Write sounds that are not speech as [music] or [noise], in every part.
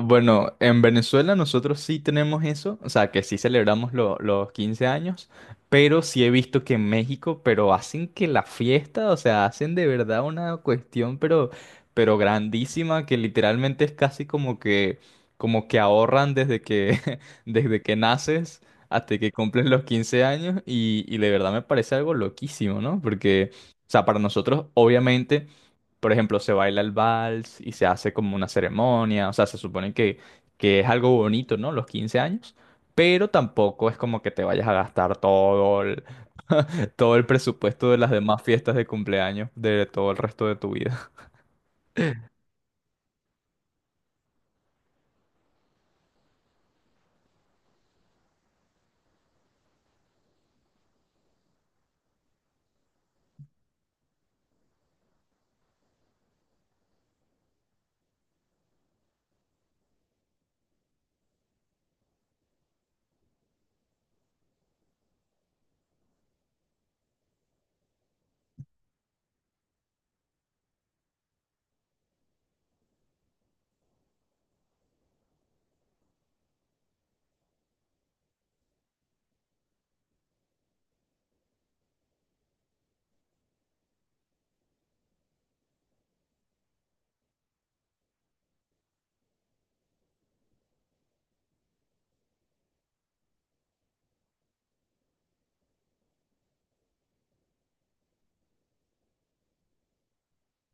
Bueno, en Venezuela nosotros sí tenemos eso, o sea, que sí celebramos los 15 años, pero sí he visto que en México, pero hacen que la fiesta, o sea, hacen de verdad una cuestión, pero grandísima, que literalmente es casi como que ahorran desde que, [laughs] desde que naces hasta que cumples los 15 años, y de verdad me parece algo loquísimo, ¿no? Porque, o sea, para nosotros, obviamente. Por ejemplo, se baila el vals y se hace como una ceremonia, o sea, se supone que es algo bonito, ¿no? Los 15 años, pero tampoco es como que te vayas a gastar todo el, [laughs] todo el presupuesto de las demás fiestas de cumpleaños de todo el resto de tu vida.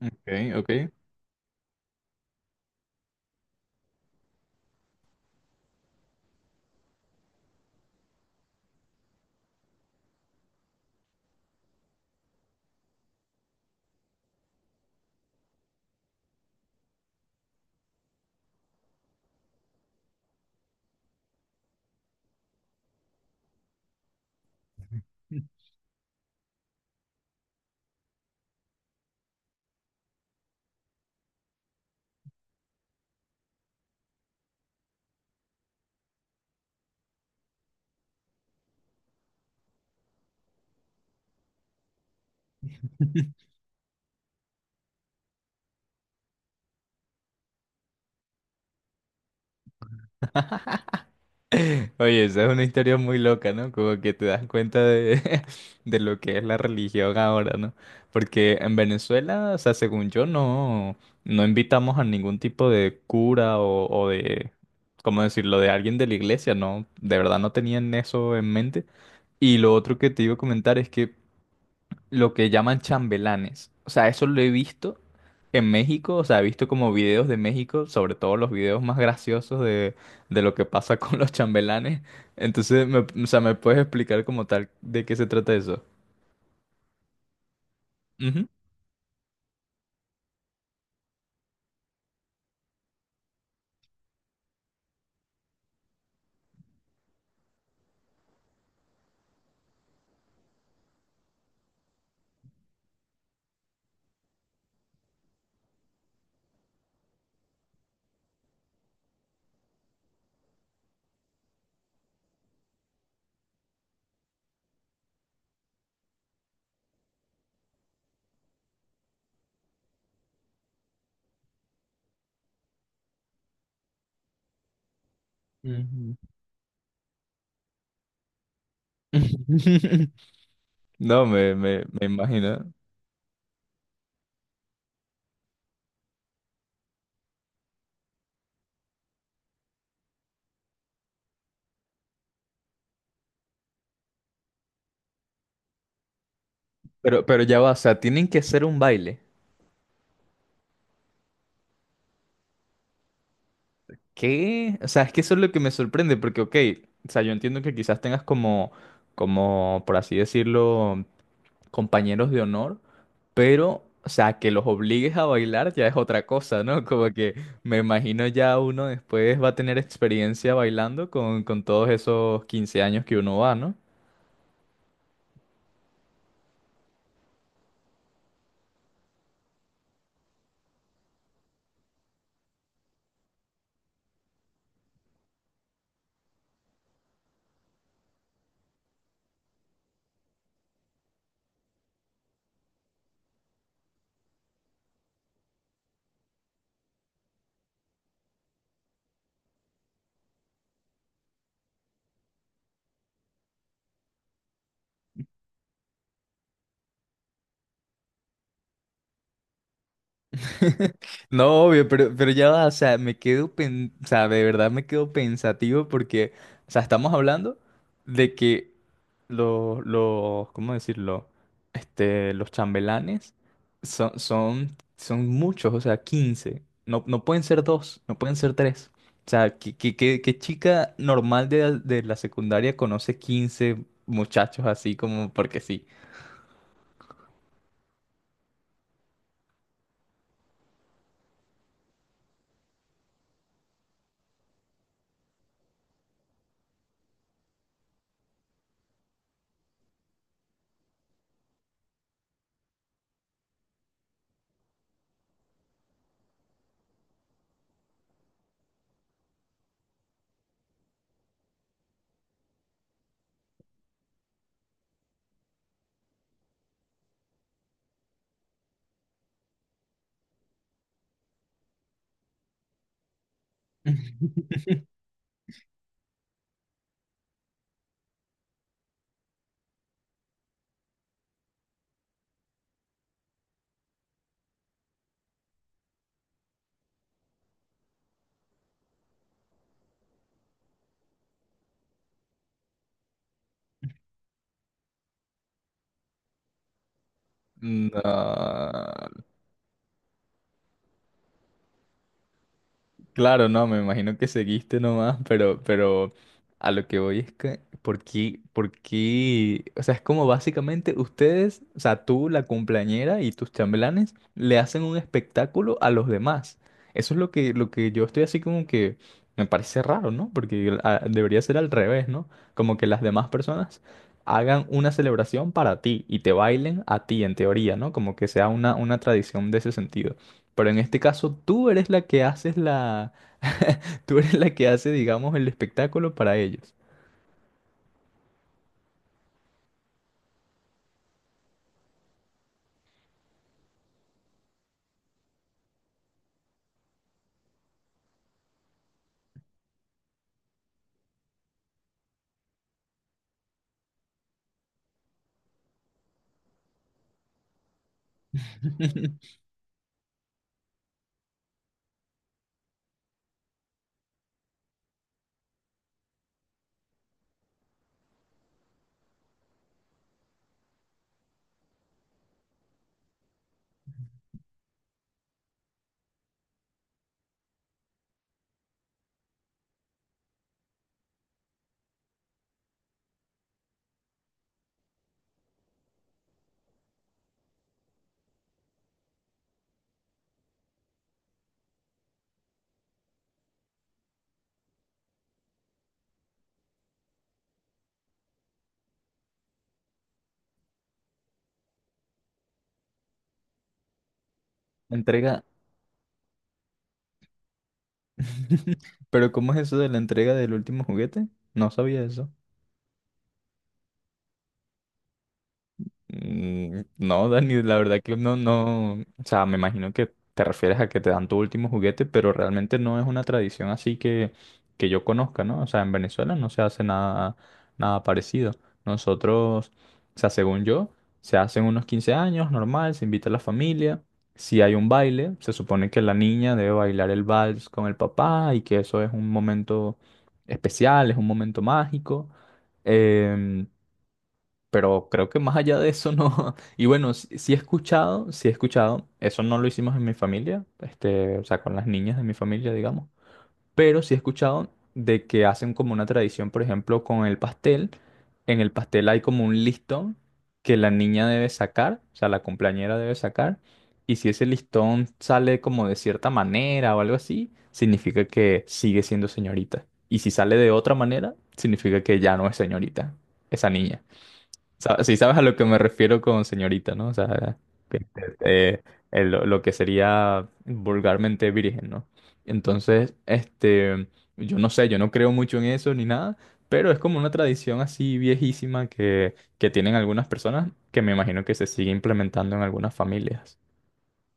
Ok, ok. [laughs] [laughs] Oye, esa es una historia muy loca, ¿no? Como que te das cuenta de, [laughs] de lo que es la religión ahora, ¿no? Porque en Venezuela, o sea, según yo, no, no invitamos a ningún tipo de cura o de, ¿cómo decirlo?, de alguien de la iglesia, ¿no? De verdad no tenían eso en mente. Y lo otro que te iba a comentar es que lo que llaman chambelanes. O sea, eso lo he visto en México, o sea, he visto como videos de México, sobre todo los videos más graciosos de lo que pasa [laughs] con los chambelanes. Entonces, o sea, ¿me puedes explicar como tal de qué se trata eso? Ujú. Ujú. [laughs] No, me imagino. Pero ya va, o sea, tienen que hacer un baile. ¿Qué? O sea, es que eso es lo que me sorprende, porque, ok, o sea, yo entiendo que quizás tengas como, por así decirlo, compañeros de honor, pero, o sea, que los obligues a bailar ya es otra cosa, ¿no? [laughs] Como que me imagino ya uno después va a tener experiencia bailando con todos esos 15 años que uno va, ¿no? [laughs] No, obvio, pero ya va, o sea, me quedo, o sea, de verdad me quedo pensativo porque, o sea, estamos hablando de que los, ¿cómo decirlo? Este, los chambelanes son muchos, o sea, 15, no, no pueden ser dos, no pueden ser tres. O sea, ¿qué chica normal de la secundaria conoce 15 muchachos así como porque sí? [laughs] No. Claro, no, me imagino que seguiste nomás, pero a lo que voy es que, ¿por qué, por qué? O sea, es como básicamente ustedes, o sea, tú, la cumpleañera y tus chambelanes, le hacen un espectáculo a los demás. Eso es lo que yo estoy así como que me parece raro, ¿no? Porque debería ser al revés, ¿no? Como que las demás personas hagan una celebración para ti y te bailen a ti, en teoría, ¿no? Como que sea una tradición de ese sentido. Pero en este caso tú eres la que haces la… [laughs] Tú eres la que hace, digamos, el espectáculo para ellos. [laughs] La entrega. [laughs] Pero ¿cómo es eso de la entrega del último juguete? No sabía eso. Mm, no, Dani, la verdad que no, no, o sea, me imagino que te refieres a que te dan tu último juguete, pero realmente no es una tradición así que yo conozca, ¿no? O sea, en Venezuela no se hace nada, nada parecido. Nosotros, o sea, según yo, se hacen unos 15 años, normal, se invita a la familia, si hay un baile, se supone que la niña debe bailar el vals con el papá y que eso es un momento especial, es un momento mágico. em, pero creo que más allá de eso no. [laughs] Y bueno, sí, sí he escuchado, sí he escuchado. Eso no lo hicimos en mi familia, este, o sea, con las niñas de mi familia, digamos. Pero sí he escuchado de que hacen como una tradición, por ejemplo, con el pastel. En el pastel hay como un listón que la niña debe sacar, o sea, la cumpleañera debe sacar. Y si ese listón sale como de cierta manera o algo así, significa que sigue siendo señorita. Y si sale de otra manera, significa que ya no es señorita, esa niña. Sí, sabes a lo que me refiero con señorita, ¿no? O sea, que, eh, lo que sería vulgarmente virgen, ¿no? Entonces, este, yo no sé, yo no creo mucho en eso ni nada, pero es como una tradición así viejísima que tienen algunas personas que me imagino que se sigue implementando en algunas familias.